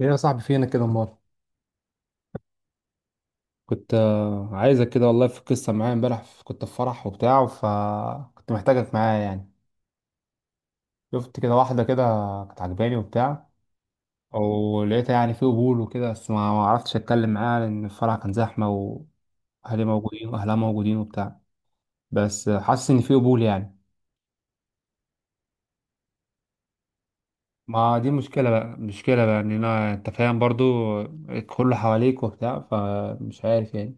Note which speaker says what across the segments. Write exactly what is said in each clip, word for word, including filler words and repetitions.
Speaker 1: ايه يا صاحبي فينا كده امال؟ كنت آه، عايزك كده. والله، في قصه معايا امبارح في- كنت في فرح وبتاع، فكنت محتاجك معايا يعني. شفت كده واحده كده، كانت عجباني وبتاع، ولقيتها يعني في قبول وكده. بس ما ما عرفتش اتكلم معاها لان الفرح كان زحمه، واهلي موجودين واهلها موجودين وبتاع. بس آه، حاسس ان في قبول يعني. ما دي مشكله بقى، مشكله بقى، ان انا، انت فاهم برضو. آه، كله حواليك وبتاع، فمش عارف يعني.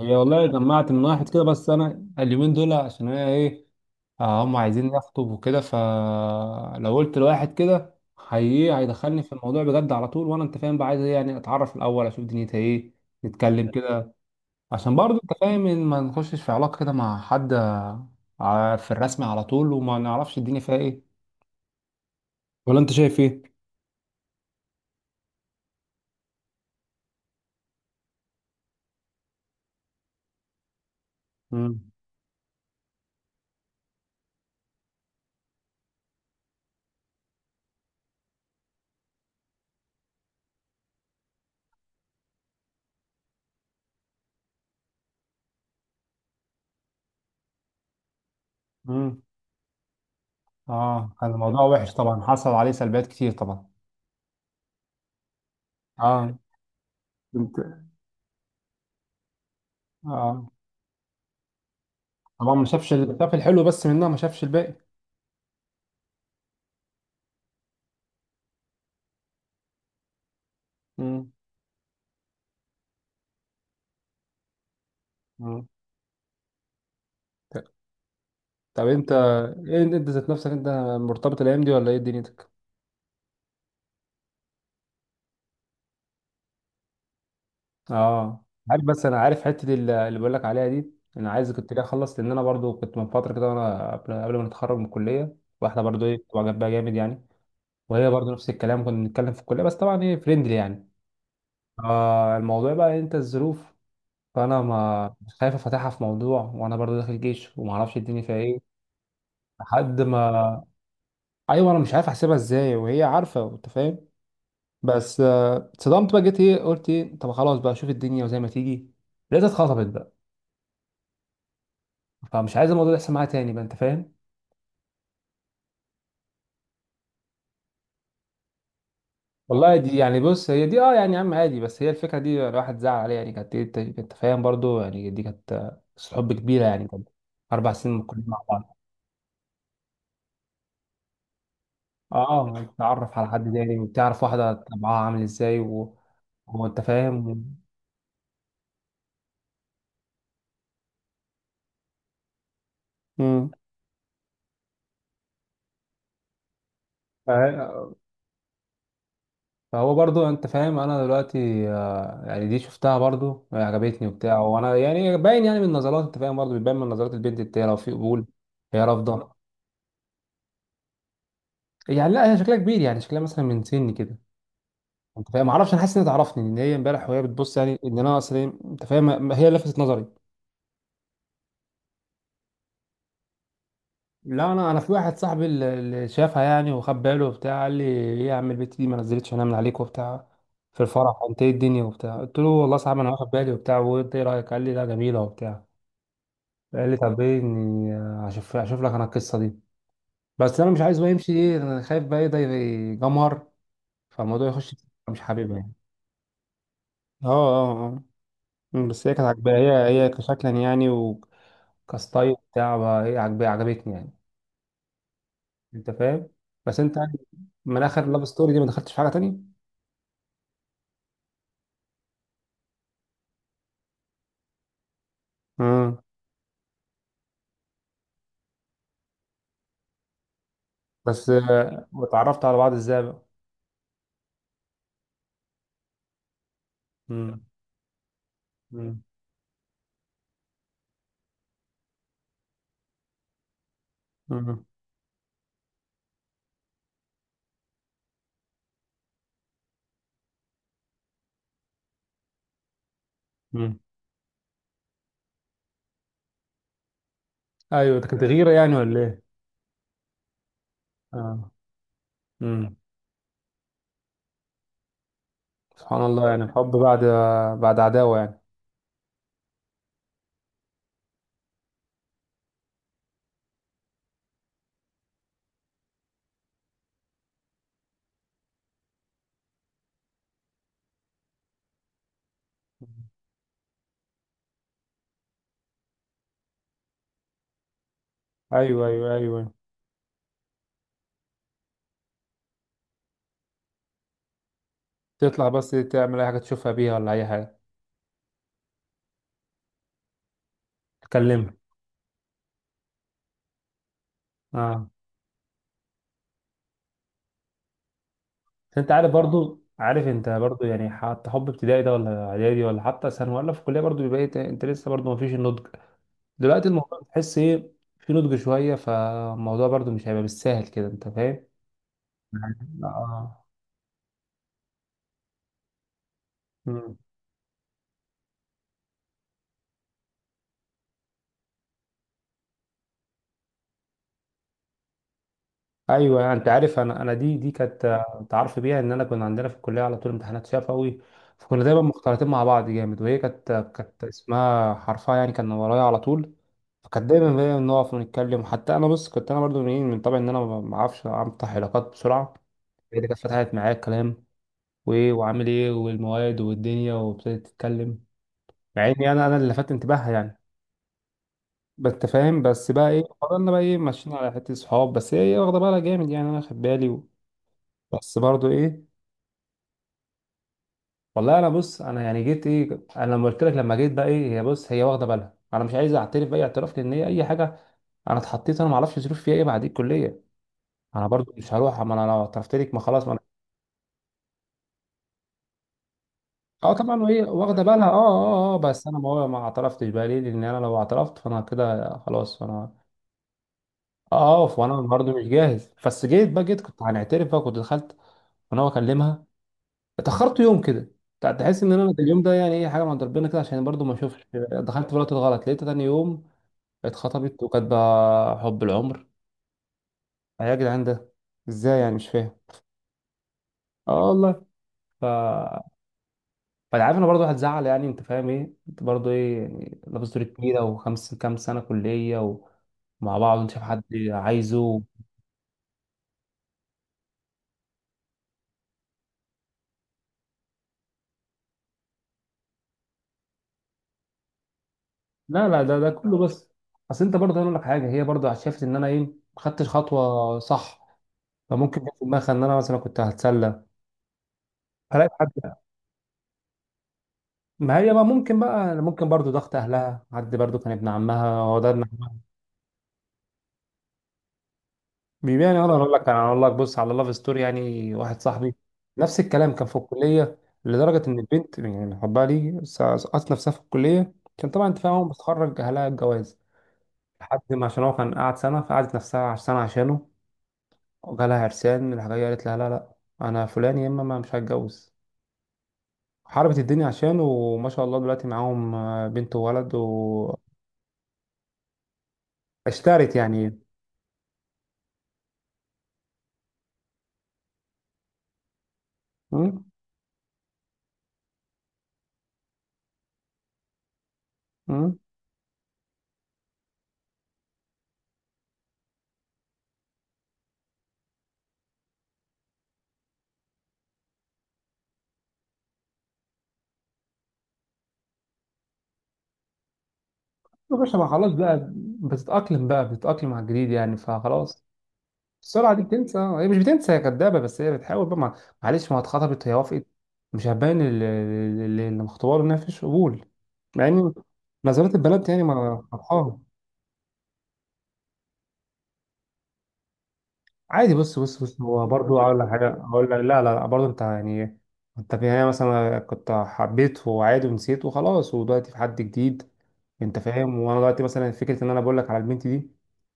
Speaker 1: هي والله جمعت من واحد كده، بس انا اليومين دول عشان انا ايه، آه، هم عايزين يخطب وكده، فلو قلت لواحد كده هي هيدخلني في الموضوع بجد على طول. وانا انت فاهم بقى عايز إيه؟ يعني اتعرف الاول، اشوف دنيتها ايه، نتكلم كده. عشان برضه انت فاهم ان ما نخشش في علاقة كده مع حد، آه، في الرسم على طول وما نعرفش الدنيا فيها ايه. ولا انت شايف ايه؟ امم. امم. اه، كان الموضوع وحش طبعا، حصل عليه سلبيات كتير طبعا. اه. انت. اه، طبعا ما شافش ال- شاف الحلو بس منها، ما شافش الباقي. امم. طب انت، ايه انت ذات نفسك، انت مرتبط الايام دي ولا ايه دنيتك؟ اه عارف. بس انا عارف حته ال- اللي بقول لك عليها دي. انا عايز كنت ليه اخلص، لان انا برضو كنت من فتره كده، وانا قبل قبل ما نتخرج من الكليه، واحده برضو ايه كنت جنبها جامد يعني. وهي برضو نفس الكلام، كنا بنتكلم في الكليه، بس طبعا ايه فريندلي يعني. آه، الموضوع بقى إيه، انت الظروف. فانا ما مش خايف افتحها في موضوع، وانا برضو داخل جيش وما اعرفش الدنيا فيها ايه لحد ما. ايوه، انا مش عارف احسبها ازاي وهي عارفه، انت فاهم. بس آه، اتصدمت بقى. جيت ايه، قلت ايه، طب خلاص بقى، شوف الدنيا وزي ما تيجي. لقيتها اتخطبت بقى. فمش عايز الموضوع ده يحصل معايا تاني بقى، انت فاهم. والله دي يعني، بص، هي دي اه يعني يا عم عادي. بس هي الفكره دي الواحد زعل عليها يعني، كانت إيه، انت أنت فاهم برضو يعني، دي كانت آه، قصة حب كبيره يعني، كانت اربع سنين من الكليه مع بعض. اه، تتعرف على حد تاني وتعرف واحده طبعها عامل ازاي و... وانت فاهم. مم. فهو برضو انت فاهم، انا دلوقتي آه، يعني دي شفتها برضو يعني عجبتني وبتاع. وانا يعني باين يعني من النظرات، انت فاهم برضو بيبان من نظرات البنت التانية لو في قبول. هي رافضه. يعني لا، هي شكلها كبير يعني، شكلها مثلا من سني كده. انت فاهم، معرفش، انا حاسس انها تعرفني، ان هي امبارح وهي بتبص يعني ان انا اصلا، انت فاهم، هي لفتت نظري. لا، انا انا في واحد صاحبي اللي اللي شافها يعني وخد باله وبتاع، قال لي ايه يا عم البت دي، ما نزلتش انا من عليك وبتاع في الفرح، انت ايه الدنيا وبتاع؟ قلت له والله صعب، انا واخد بالي وبتاع. وانت ايه رايك؟ قال لي لا، جميله وبتاع. قال لي طب ايه، اني اشوف اشوف لك انا القصه دي. بس انا مش عايز بقى يمشي ايه، انا خايف بقى ايه ده يجمر، فالموضوع يخش في سكة مش حاببها يعني. اه، اه، اه. أمم، بس هي كانت عاجباه. هي هي كشكلا يعني وكستايل بتاع بقى ايه عاجباه، عجبتني يعني، انت فاهم. بس انت يعني، من اخر لاف ستوري دي ما دخلتش في حاجه تانية. امم. بس آه، واتعرفت على بعض ازاي بقى؟ امم. امم. امم. أمم. ايوه، ده كانت غيره يعني ولا ايه؟ اه. امم. سبحان الله يعني، الحب بعد، بعد عداوه يعني. ايوه، ايوه، ايوه. تطلع بس تعمل اي حاجه تشوفها بيها ولا اي حاجه؟ تكلمها. اه. بس انت عارف برضو، عارف انت برضو يعني، حتى حب ابتدائي ده ولا اعدادي ولا حتى ثانوي ولا في الكليه، برضو بيبقى إيه، تا- انت لسه برضو ما فيش النضج. دلوقتي الموضوع، تحس ايه في نضج شويه، فالموضوع برضو مش هيبقى بالسهل كده، انت فاهم يعني. اه. مم. ايوه، انت عارف، انا انا دي دي كانت آه، تعرف بيها ان انا، كنا عندنا في الكليه على طول امتحانات شفوي، فكنا دايما مختلطين مع بعض جامد. وهي كانت آه، كانت اسمها حرفها يعني كان ورايا على طول. فكانت دايما هي نقف ونتكلم، حتى انا بص كنت انا برضو من إيه، من طبعي ان انا ما ما اعرفش افتح علاقات بسرعه. هي اللي كانت فتحت معايا الكلام وايه وعامل ايه والمواد والدنيا، وابتدت تتكلم مع اني انا انا اللي لفت انتباهها يعني. بس انت فاهم، بس بقى ايه فضلنا بقى ايه ماشيين على حته صحاب، بس هي إيه واخده بالها جامد يعني، انا واخد بالي و... بس برضو ايه. والله انا بص، انا يعني جيت ايه، انا لما قلت لك لما جيت بقى ايه، هي بص هي واخده بالها، انا مش عايز اعترف باي اعتراف، لان هي اي حاجه، انا اتحطيت، انا ما اعرفش ظروف فيها ايه بعد الكليه، انا برضو مش هروح. اما انا لو اعترفت لك، ما خلاص، ما انا اه طبعا، وهي واخده بالها. اه، اه، اه. بس انا ما ما اعترفتش بقى ليه، لان انا لو اعترفت فانا كده خلاص، انا اقف وانا برضو مش جاهز. بس جيت بقى، جيت كنت هنعترف بقى، كنت دخلت وانا بكلمها، اتاخرت يوم كده. تحس ان انا اليوم ده يعني ايه حاجه من عند ربنا كده، عشان برضو ما اشوفش دخلت في الوقت الغلط. لقيت تاني يوم اتخطبت، وكانت بقى حب العمر. آه يا جدعان، ده ازاي يعني، مش فاهم. اه والله. ف فانا عارف ان برضه هتزعل يعني، انت فاهم ايه، انت برضه ايه يعني، لابس دور كبيره، وخمس كام سنه كليه ومع بعض، انت شايف حد عايزه؟ لا، لا، ده ده كله بس اصل انت برضه هقول لك حاجه، هي برضه شافت ان انا ايه ما خدتش خطوه صح، فممكن جت في دماغها ان انا مثلا كنت هتسلى، هلاقي حد. ما هي بقى ممكن بقى، ممكن برضه ضغط اهلها، حد برضه كان ابن عمها هو ده ابن بيبيع يعني. اقدر اقول لك، انا اقول لك، بص على لاف ستوري، يعني واحد صاحبي نفس الكلام كان في الكليه، لدرجه ان البنت يعني حبها لي، سقطت نفسها في الكليه كان طبعا، انت فاهم، اول ما تتخرج اهلها الجواز. لحد ما، عشان هو كان قاعد سنه، فقعدت نفسها عش- سنه عشانه. وجالها عرسان الحاجه دي قالت لها لا، لا، انا فلان يا اما، ما مش هتجوز. حاربت الدنيا عشانه، وما شاء الله دلوقتي معاهم آه، بنت وولد واشترت يعني. امم. امم. يا باشا ما خلاص بقى، بتتأقلم بقى، بتتأقلم على الجديد يعني، فخلاص. السرعه دي بتنسى، هي مش بتنسى، هي كدابه. بس هي بتحاول بقى مع- معلش، ما اتخطبت هي وافقت، مش هتبين ال- ال- ال- اللي مخطوبه له انها مفيش قبول. مع ان نظرات البنات يعني ما فرحان. عادي، بص، بص، بص، هو برضو اقول لك حاجه، اقول لك لا، لا، لا، برضو انت يعني إيه، انت في النهايه مثلا كنت حبيت وعادي ونسيت وخلاص، ودلوقتي في حد جديد، انت فاهم. وانا دلوقتي مثلا فكره ان انا بقول لك على البنت دي.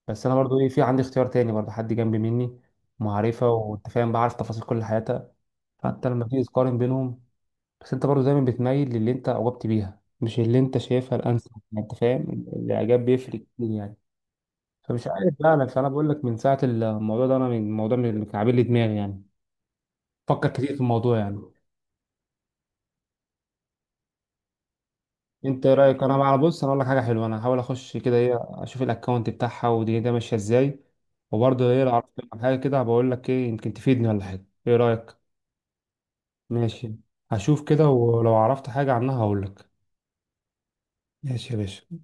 Speaker 1: بس انا برضو ايه، في عندي اختيار تاني برضو، حد جنبي مني معرفه، وانت فاهم، بعرف تفاصيل كل حياتها حتى لما تيجي تقارن بينهم. بس انت برضه دايما بتميل للي انت اعجبت بيها، مش اللي انت شايفها الانسب، يعني انت فاهم. الاعجاب بيفرق كتير يعني. فمش عارف فعلا. فانا بقول لك من ساعه الموضوع ده انا، من الموضوع من اللي كان عامل لي دماغي يعني، فكر كتير في الموضوع يعني. انت ايه رايك؟ انا بقى بص، انا اقول لك حاجه حلوه، انا هحاول اخش كده ايه، اشوف الاكونت بتاعها ودي ده ماشيه ازاي. وبرضه ايه لو عرفت عن حاجه كده، بقول لك، ايه يمكن تفيدني ولا حاجه، ايه رايك؟ ماشي، هشوف كده ولو عرفت حاجه عنها هقول لك. ماشي يا باشا،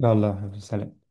Speaker 1: يلا يا حبيبي، سلام.